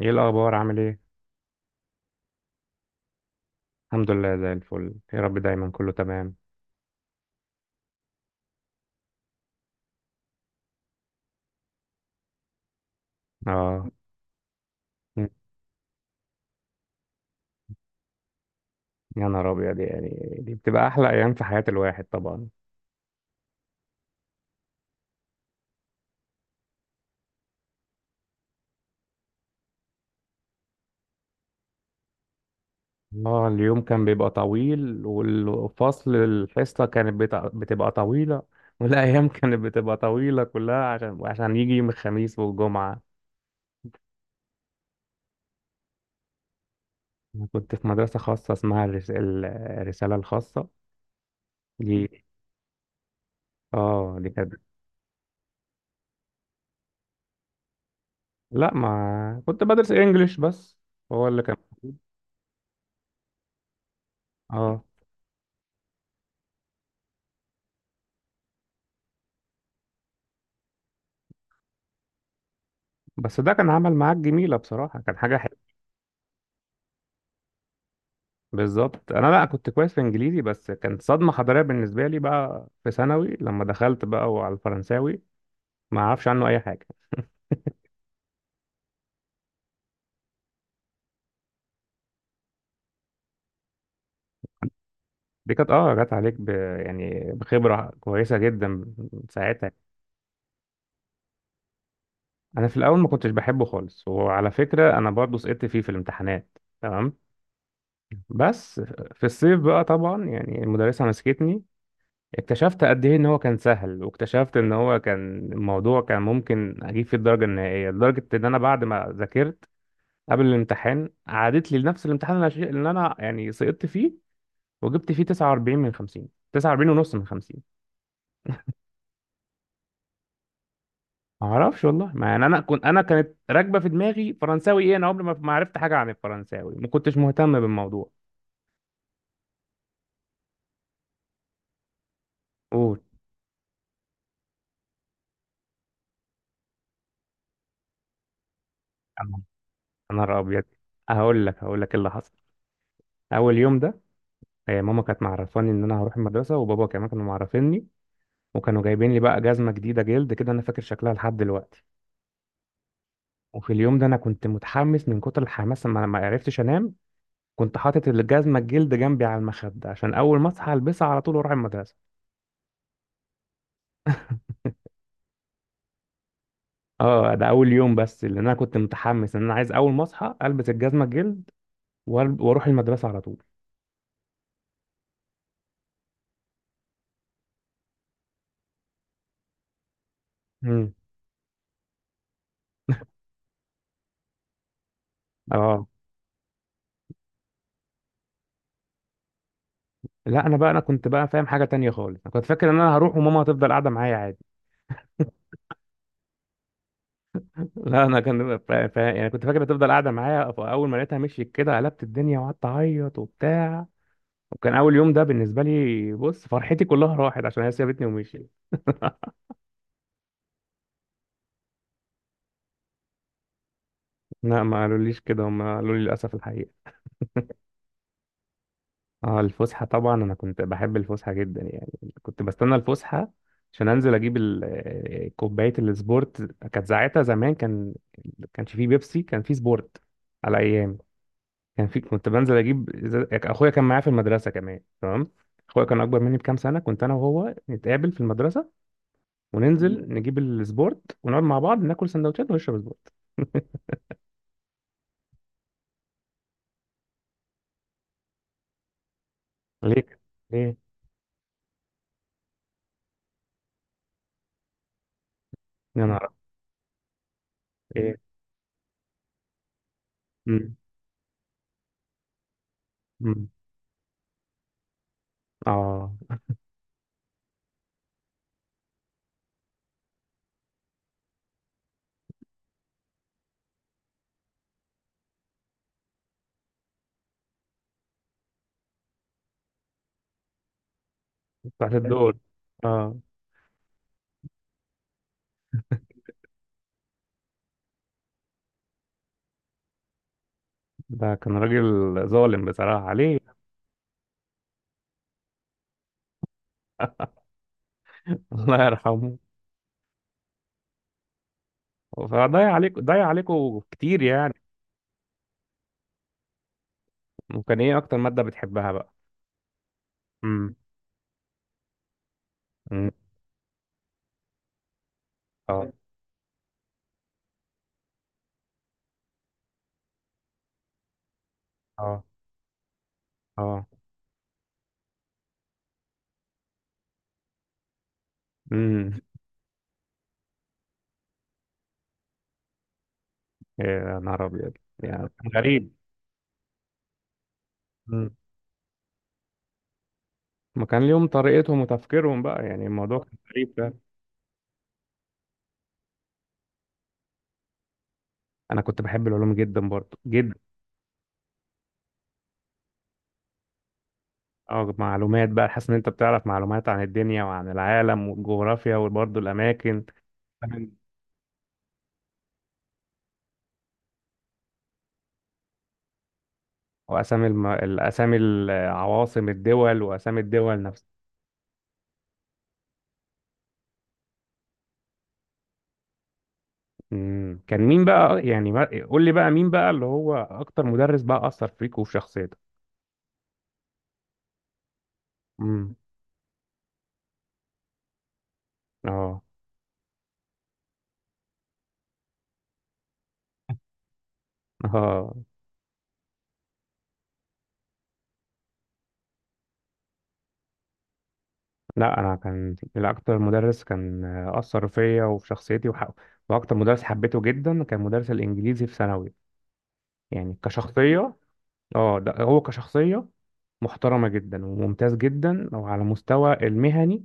ايه الاخبار عامل ايه؟ الحمد لله زي الفل يا رب، دايما كله تمام. اه، يا نهار ابيض، يعني دي بتبقى احلى ايام في حياة الواحد طبعا. اه، اليوم كان بيبقى طويل، والفصل الحصة كانت بتبقى طويلة. والايام كانت بتبقى طويلة كلها عشان يجي يوم الخميس والجمعة. انا كنت في مدرسة خاصة اسمها الرسالة الخاصة. دي. اه، دي كانت. لا، ما كنت بدرس انجليش بس. هو اللي كان. اه، بس ده كان عمل معاك جميلة بصراحة، كان حاجة حلوة. بالظبط. أنا لا كنت كويس في إنجليزي، بس كانت صدمة حضارية بالنسبة لي بقى في ثانوي لما دخلت بقى، وعلى الفرنساوي ما أعرفش عنه أي حاجة. دي كانت جت عليك ب... يعني بخبرة كويسة جدا ساعتها. أنا في الأول ما كنتش بحبه خالص، وعلى فكرة أنا برضه سقطت فيه في الامتحانات تمام. بس في الصيف بقى طبعا يعني المدرسة مسكتني، اكتشفت قد ايه ان هو كان سهل، واكتشفت ان هو كان الموضوع كان ممكن اجيب فيه الدرجه النهائيه، لدرجه ان انا بعد ما ذاكرت قبل الامتحان، عادت لي لنفس الامتحان اللي انا يعني سقطت فيه، وجبت فيه 49 من 50، 49 ونص من 50. ما اعرفش والله، ما يعني انا كانت راكبه في دماغي فرنساوي ايه، انا عمري ما عرفت حاجه عن الفرنساوي، ما كنتش مهتم بالموضوع. قول. يا نهار ابيض، هقول لك إيه اللي حصل اول يوم ده. آه، ماما كانت معرفاني ان انا هروح المدرسه، وبابا كمان كانوا معرفيني، وكانوا جايبين لي بقى جزمة جديدة جلد كده، أنا فاكر شكلها لحد دلوقتي. وفي اليوم ده أنا كنت متحمس، من كتر الحماس ما عرفتش أنام. كنت حاطط الجزمة الجلد جنبي على المخدة عشان أول ما أصحى ألبسها على طول وأروح المدرسة. أه، ده أول يوم بس، لأن أنا كنت متحمس إن أنا عايز أول ما أصحى ألبس الجزمة الجلد وأروح المدرسة على طول. امم. أه. لا، أنا بقى أنا كنت بقى فاهم حاجة تانية خالص، أنا كنت فاكر إن أنا هروح وماما هتفضل قاعدة معايا عادي. لا، انا كان يعني كنت فاكر هتفضل قاعده معايا، فاول ما لقيتها مشيت كده قلبت الدنيا وقعدت اعيط وبتاع. وكان اول يوم ده بالنسبه لي، بص، فرحتي كلها راحت عشان هي سابتني ومشيت. لا، ما قالوليش كده، هم قالوا لي للاسف الحقيقه. اه، الفسحه طبعا انا كنت بحب الفسحه جدا يعني، كنت بستنى الفسحه عشان انزل اجيب كوبايه السبورت. كانت ساعتها زمان كان، كانش فيه بيبسي، كان فيه سبورت على ايام. كان في كنت بنزل اجيب اخويا كان معايا في المدرسه كمان تمام. اخويا كان اكبر مني بكام سنه، كنت انا وهو نتقابل في المدرسه، وننزل نجيب السبورت ونقعد مع بعض ناكل سندوتشات ونشرب سبورت. ليك. ليه؟ يا نهار أبيض. ايه. مم. مم. اه. بتاعت الدول. اه. ده كان راجل ظالم بصراحة، عليه الله يرحمه. فضيع عليك، ضيع عليكوا كتير يعني. وكان ايه اكتر مادة بتحبها بقى؟ امم. أمم. اه. اه. اه. امم. يا نهار ابيض، يعني كان غريب. أمم. ما كان ليهم طريقتهم وتفكيرهم بقى، يعني الموضوع كان غريب فعلا. انا كنت بحب العلوم جدا، برضه جدا. اه، معلومات بقى، حاسس ان انت بتعرف معلومات عن الدنيا وعن العالم والجغرافيا، وبرضه الاماكن. تمام. واسامي الاسامي، العواصم الدول واسامي الدول نفسها. مم. كان مين بقى يعني ما... قول لي بقى مين بقى اللي هو اكتر مدرس بقى اثر فيك وفي شخصيتك؟ امم. اه. اه، لا، انا كان الاكتر مدرس كان اثر فيا وفي شخصيتي. واكتر مدرس حبيته جدا كان مدرس الانجليزي في ثانوي، يعني كشخصيه. اه لا، هو كشخصية محترمة جدا، وممتاز جدا، وعلى مستوى المهني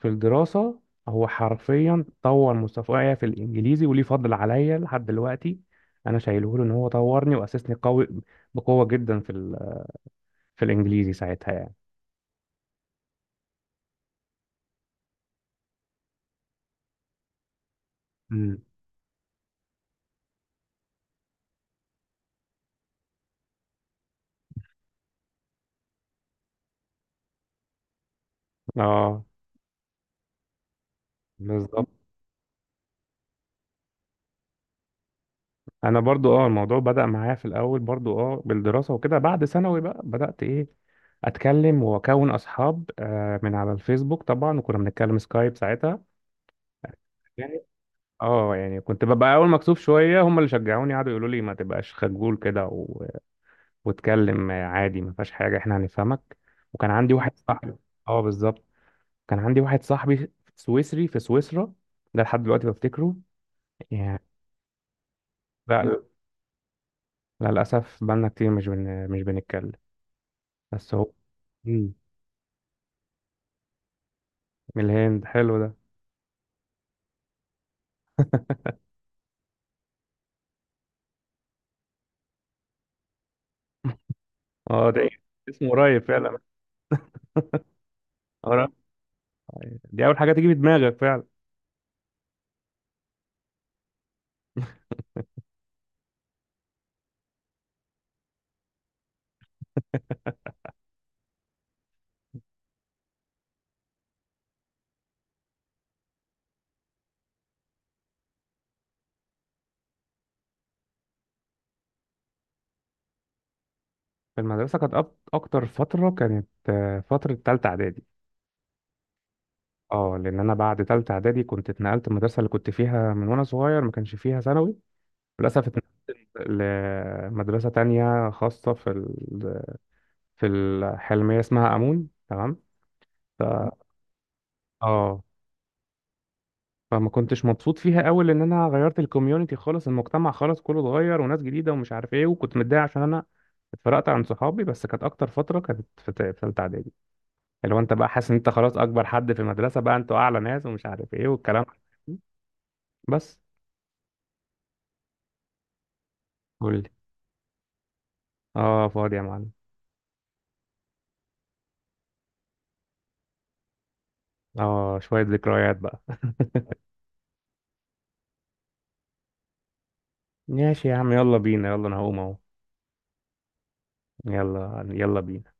في الدراسة، هو حرفيا طور مستواي في الإنجليزي، وليه فضل عليا لحد دلوقتي. أنا شايله له إن هو طورني وأسسني قوي، بقوة جدا في الإنجليزي ساعتها يعني. امم. اه بالظبط. أنا برضو الموضوع بدأ معايا في الأول، برضو بالدراسة وكده، بعد ثانوي بقى بدأت إيه، أتكلم وأكون أصحاب من على الفيسبوك طبعا، وكنا بنتكلم سكايب ساعتها. اه، يعني كنت ببقى اول مكسوف شويه، هم اللي شجعوني، قعدوا يقولوا لي ما تبقاش خجول كده، و... واتكلم عادي ما فيهاش حاجه، احنا هنفهمك. وكان عندي واحد صاحبي. اه بالظبط. كان عندي واحد صاحبي سويسري في سويسرا، ده لحد دلوقتي بفتكره يعني. لا. لا للاسف، بقالنا كتير مش بنتكلم، بس هو. مم. من الهند، حلو ده. اه، ده إيه؟ اسمه قريب فعلا. قريب. دي اول حاجه تيجي في دماغك فعلا. في المدرسه كانت اكتر فتره كانت فتره ثالثه اعدادي. اه، لان انا بعد تالتة اعدادي كنت اتنقلت، المدرسه اللي كنت فيها من وانا صغير ما كانش فيها ثانوي، للاسف اتنقلت لمدرسه تانية خاصه في الحلميه اسمها امون، تمام. ف... اه، فما كنتش مبسوط فيها قوي، لان انا غيرت الكوميونتي خالص، المجتمع خالص كله اتغير، وناس جديده ومش عارف ايه، وكنت متضايق عشان انا اتفرقت عن صحابي. بس كانت اكتر فتره كانت في ثالثه اعدادي، اللي هو انت بقى حاسس ان انت خلاص اكبر حد في المدرسه بقى، انتوا اعلى ناس ومش عارف ايه والكلام. بس. اه، فاضي يا معلم. اه، شوية ذكريات بقى. ماشي يا عم، يلا بينا، يلا انا هقوم اهو. يلا يلا بينا.